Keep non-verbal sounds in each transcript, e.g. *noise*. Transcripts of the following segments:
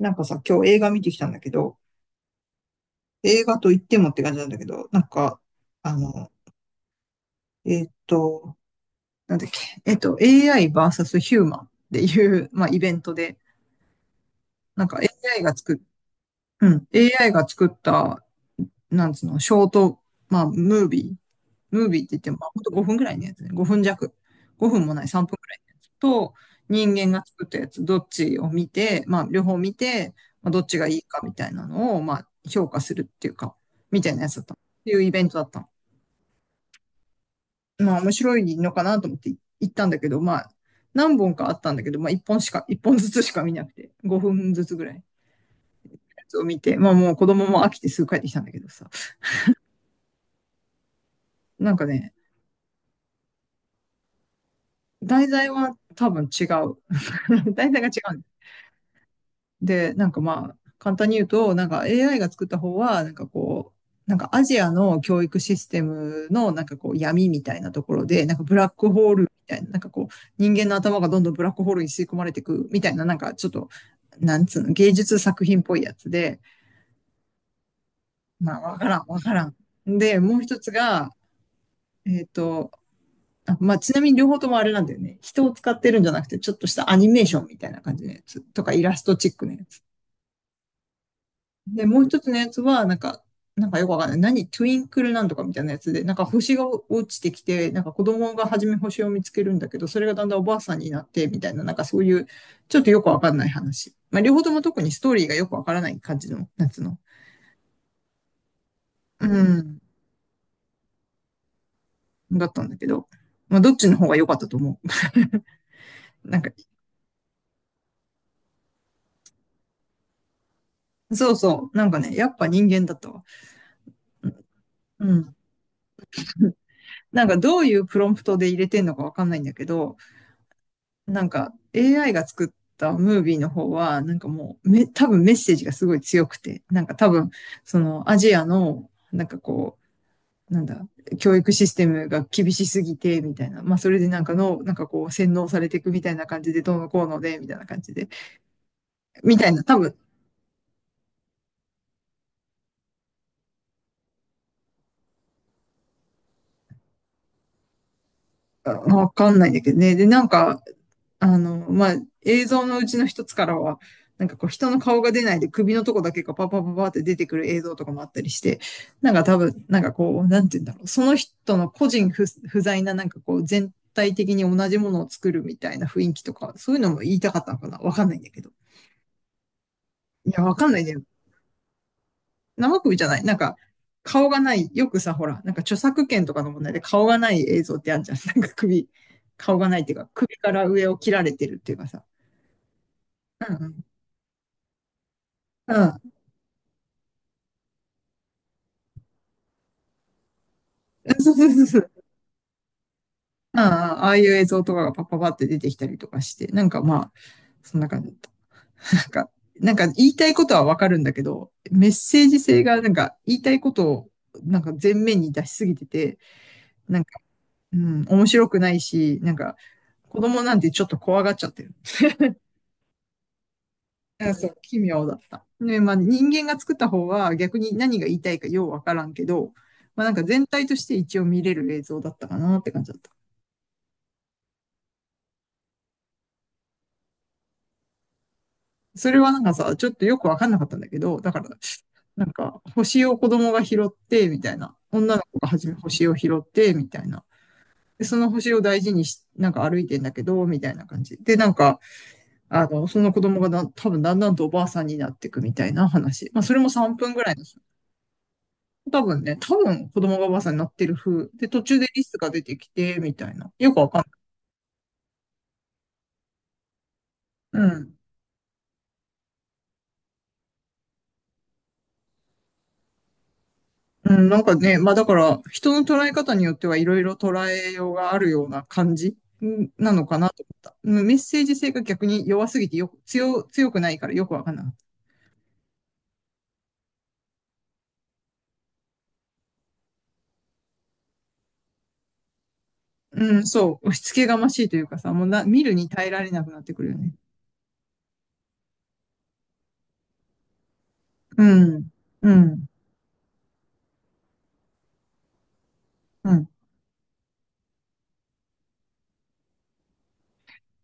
なんかさ、今日映画見てきたんだけど、映画と言ってもって感じなんだけど、なんか、あの、えーっと、なんだっけ、AI v スヒューマンっていう、まあ、イベントで、なんか AI が作っ、うん、AI が作った、なんつうの、ショート、まあ、ムービー。ムービーって言っても、まあ、ほんと5分ぐらいのやつね。5分弱。5分もない3分ぐらいのやつと、人間が作ったやつ、どっちを見て、まあ、両方見て、まあ、どっちがいいかみたいなのを、まあ、評価するっていうか、みたいなやつだったの。っていうイベントだったの。まあ、面白いのかなと思って行ったんだけど、まあ、何本かあったんだけど、まあ、1本しか、一本ずつしか見なくて、5分ずつぐらいのやつを見て、まあ、もう子供も飽きてすぐ帰ってきたんだけどさ。なんかね、題材は多分違う。*laughs* 題材が違うんだよ。で、なんかまあ、簡単に言うと、なんか AI が作った方は、なんかこう、なんかアジアの教育システムのなんかこう闇みたいなところで、なんかブラックホールみたいな、なんかこう人間の頭がどんどんブラックホールに吸い込まれていくみたいな、なんかちょっと、なんつうの、芸術作品っぽいやつで、まあわからん。で、もう一つが、えっと、まあちなみに両方ともあれなんだよね。人を使ってるんじゃなくて、ちょっとしたアニメーションみたいな感じのやつとかイラストチックのやつ。で、もう一つのやつは、なんか、なんかよくわかんない。何トゥインクルなんとかみたいなやつで、なんか星が落ちてきて、なんか子供が初め星を見つけるんだけど、それがだんだんおばあさんになって、みたいな、なんかそういう、ちょっとよくわかんない話。まあ、両方とも特にストーリーがよくわからない感じの、夏の。うん。だったんだけど、まあ、どっちの方が良かったと思う？*laughs* なんか、そうそう。なんかね、やっぱ人間だったわ。うん。*laughs* なんかどういうプロンプトで入れてんのかわかんないんだけど、なんか AI が作ったムービーの方は、なんかもうめ、多分メッセージがすごい強くて、なんか多分、そのアジアの、なんかこう、なんだ、教育システムが厳しすぎて、みたいな。まあ、それでなんかの、なんかこう、洗脳されていくみたいな感じで、どうのこうので、みたいな感じで、みたいな、多分、わかんないんだけどね。で、なんか、まあ、映像のうちの一つからは、なんかこう人の顔が出ないで首のとこだけがパパパパって出てくる映像とかもあったりして、なんか多分、なんかこう、なんて言うんだろう、その人の個人不、不在ななんかこう全体的に同じものを作るみたいな雰囲気とか、そういうのも言いたかったのかなわかんないんだけど。いや、わかんないね。生首じゃない。なんか、顔がない。よくさ、ほら、なんか著作権とかの問題で顔がない映像ってあるじゃん。なんか首、顔がないっていうか、首から上を切られてるっていうかさ。うんうん。うん。 *laughs* そうそうそうそう。うんうん。ああいう映像とかがパッパパって出てきたりとかして、なんかまあ、そんな感じ、なんか、なんか言いたいことはわかるんだけど、メッセージ性がなんか言いたいことをなんか前面に出しすぎてて、なんか、うん、面白くないし、なんか子供なんてちょっと怖がっちゃってる。うんそう、奇妙だった。ね、まあ人間が作った方は逆に何が言いたいかようわからんけど、まあなんか全体として一応見れる映像だったかなって感じだった。それはなんかさ、ちょっとよくわかんなかったんだけど、だから、なんか、星を子供が拾って、みたいな。女の子が初め星を拾って、みたいな。で、その星を大事にし、なんか歩いてんだけど、みたいな感じ。で、なんか、あの、その子供が多分だんだんとおばあさんになっていくみたいな話。まあ、それも3分ぐらいの。多分ね、多分子供がおばあさんになってる風。で、途中でリスが出てきて、みたいな。よくわかんない。うん。うん、なんかね、まあだから、人の捉え方によってはいろいろ捉えようがあるような感じうんなのかなと思った。うん、メッセージ性が逆に弱すぎてよく、強くないからよくわかんなかった。うん、そう。押し付けがましいというかさ、もうな、見るに耐えられなくなってくるよね。うん、うん、うん。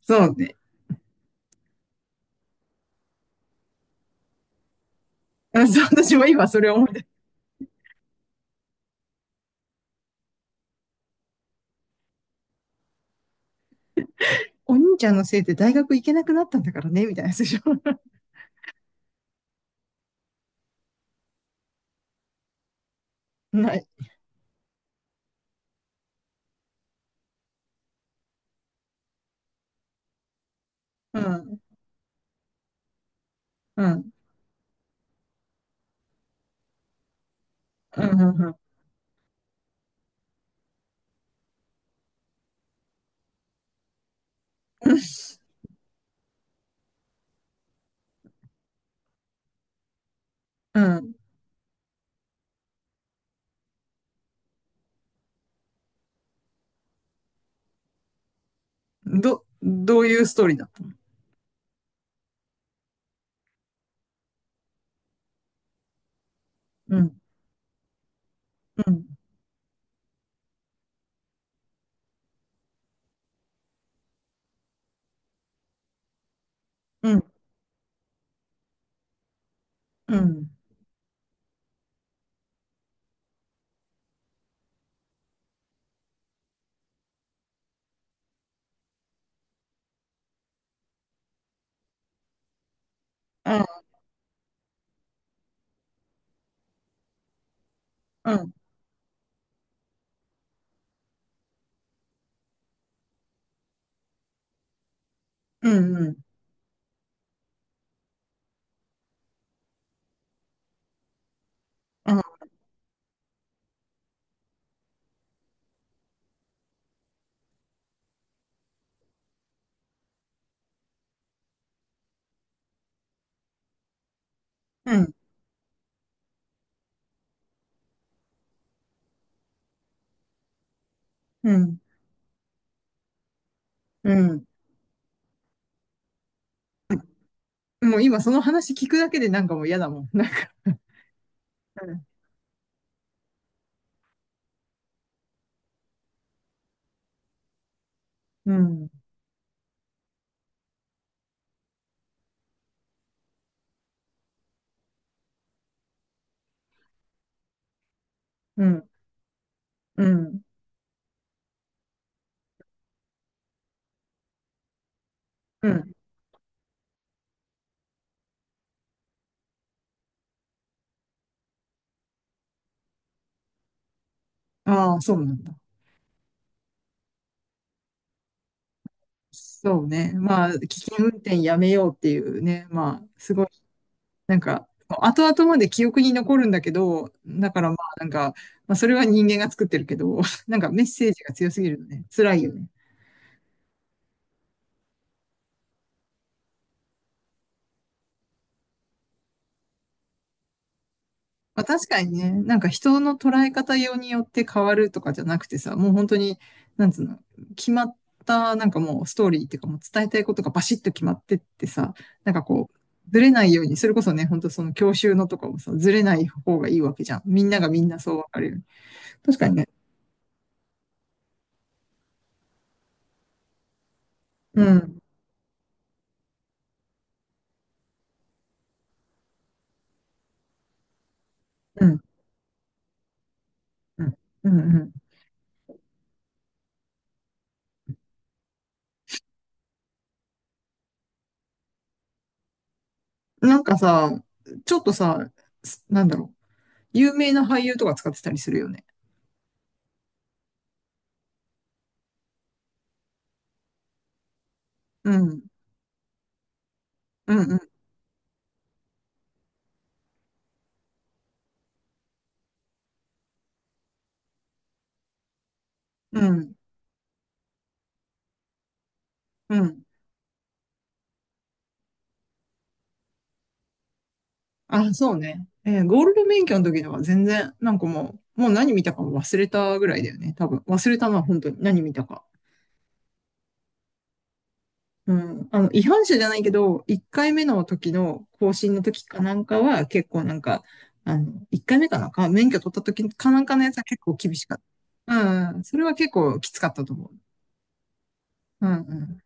そうね。*laughs* うんそう、私も今それ思って。お兄ちゃんのせいで大学行けなくなったんだからね、みたいなやつでしょ。*laughs* ない。うん、うん、うん、うん、うん。うん。どういうストーリーだった？うん、うん、うん。うん、うん、うん、うん、うん、ああ、うん、うん、うん、うん。もう今その話聞くだけでなんかもう嫌だもん。なんか、うん、うん、うん、うん。ああ、そうなんだ。そうね。まあ、危険運転やめようっていうね。まあ、すごい、なんか、後々まで記憶に残るんだけど、だからまあ、なんか、まあ、それは人間が作ってるけど、なんかメッセージが強すぎるのね。辛いよね。まあ、確かにね、なんか人の捉え方用によって変わるとかじゃなくてさ、もう本当に、なんつうの、決まった、なんかもうストーリーっていうかもう伝えたいことがバシッと決まってってさ、なんかこう、ずれないように、それこそね、本当その教習のとかもさ、ずれない方がいいわけじゃん。みんながみんなそう分かれる。確かにね。うん、うん、うん、うん、うん。なんかさ、ちょっとさ、なんだろう、有名な俳優とか使ってたりするよね。うん、うん、うん、うん、うん。あ、そうね。えーゴールド免許の時とか全然、なんかもう、もう何見たかも忘れたぐらいだよね。多分。忘れたのは本当に何見たか。うん。あの、違反者じゃないけど、1回目の時の更新の時かなんかは結構なんか、あの、1回目かなんか、免許取った時かなんかのやつは結構厳しかった。うんうん。それは結構きつかったと思う。うんうん。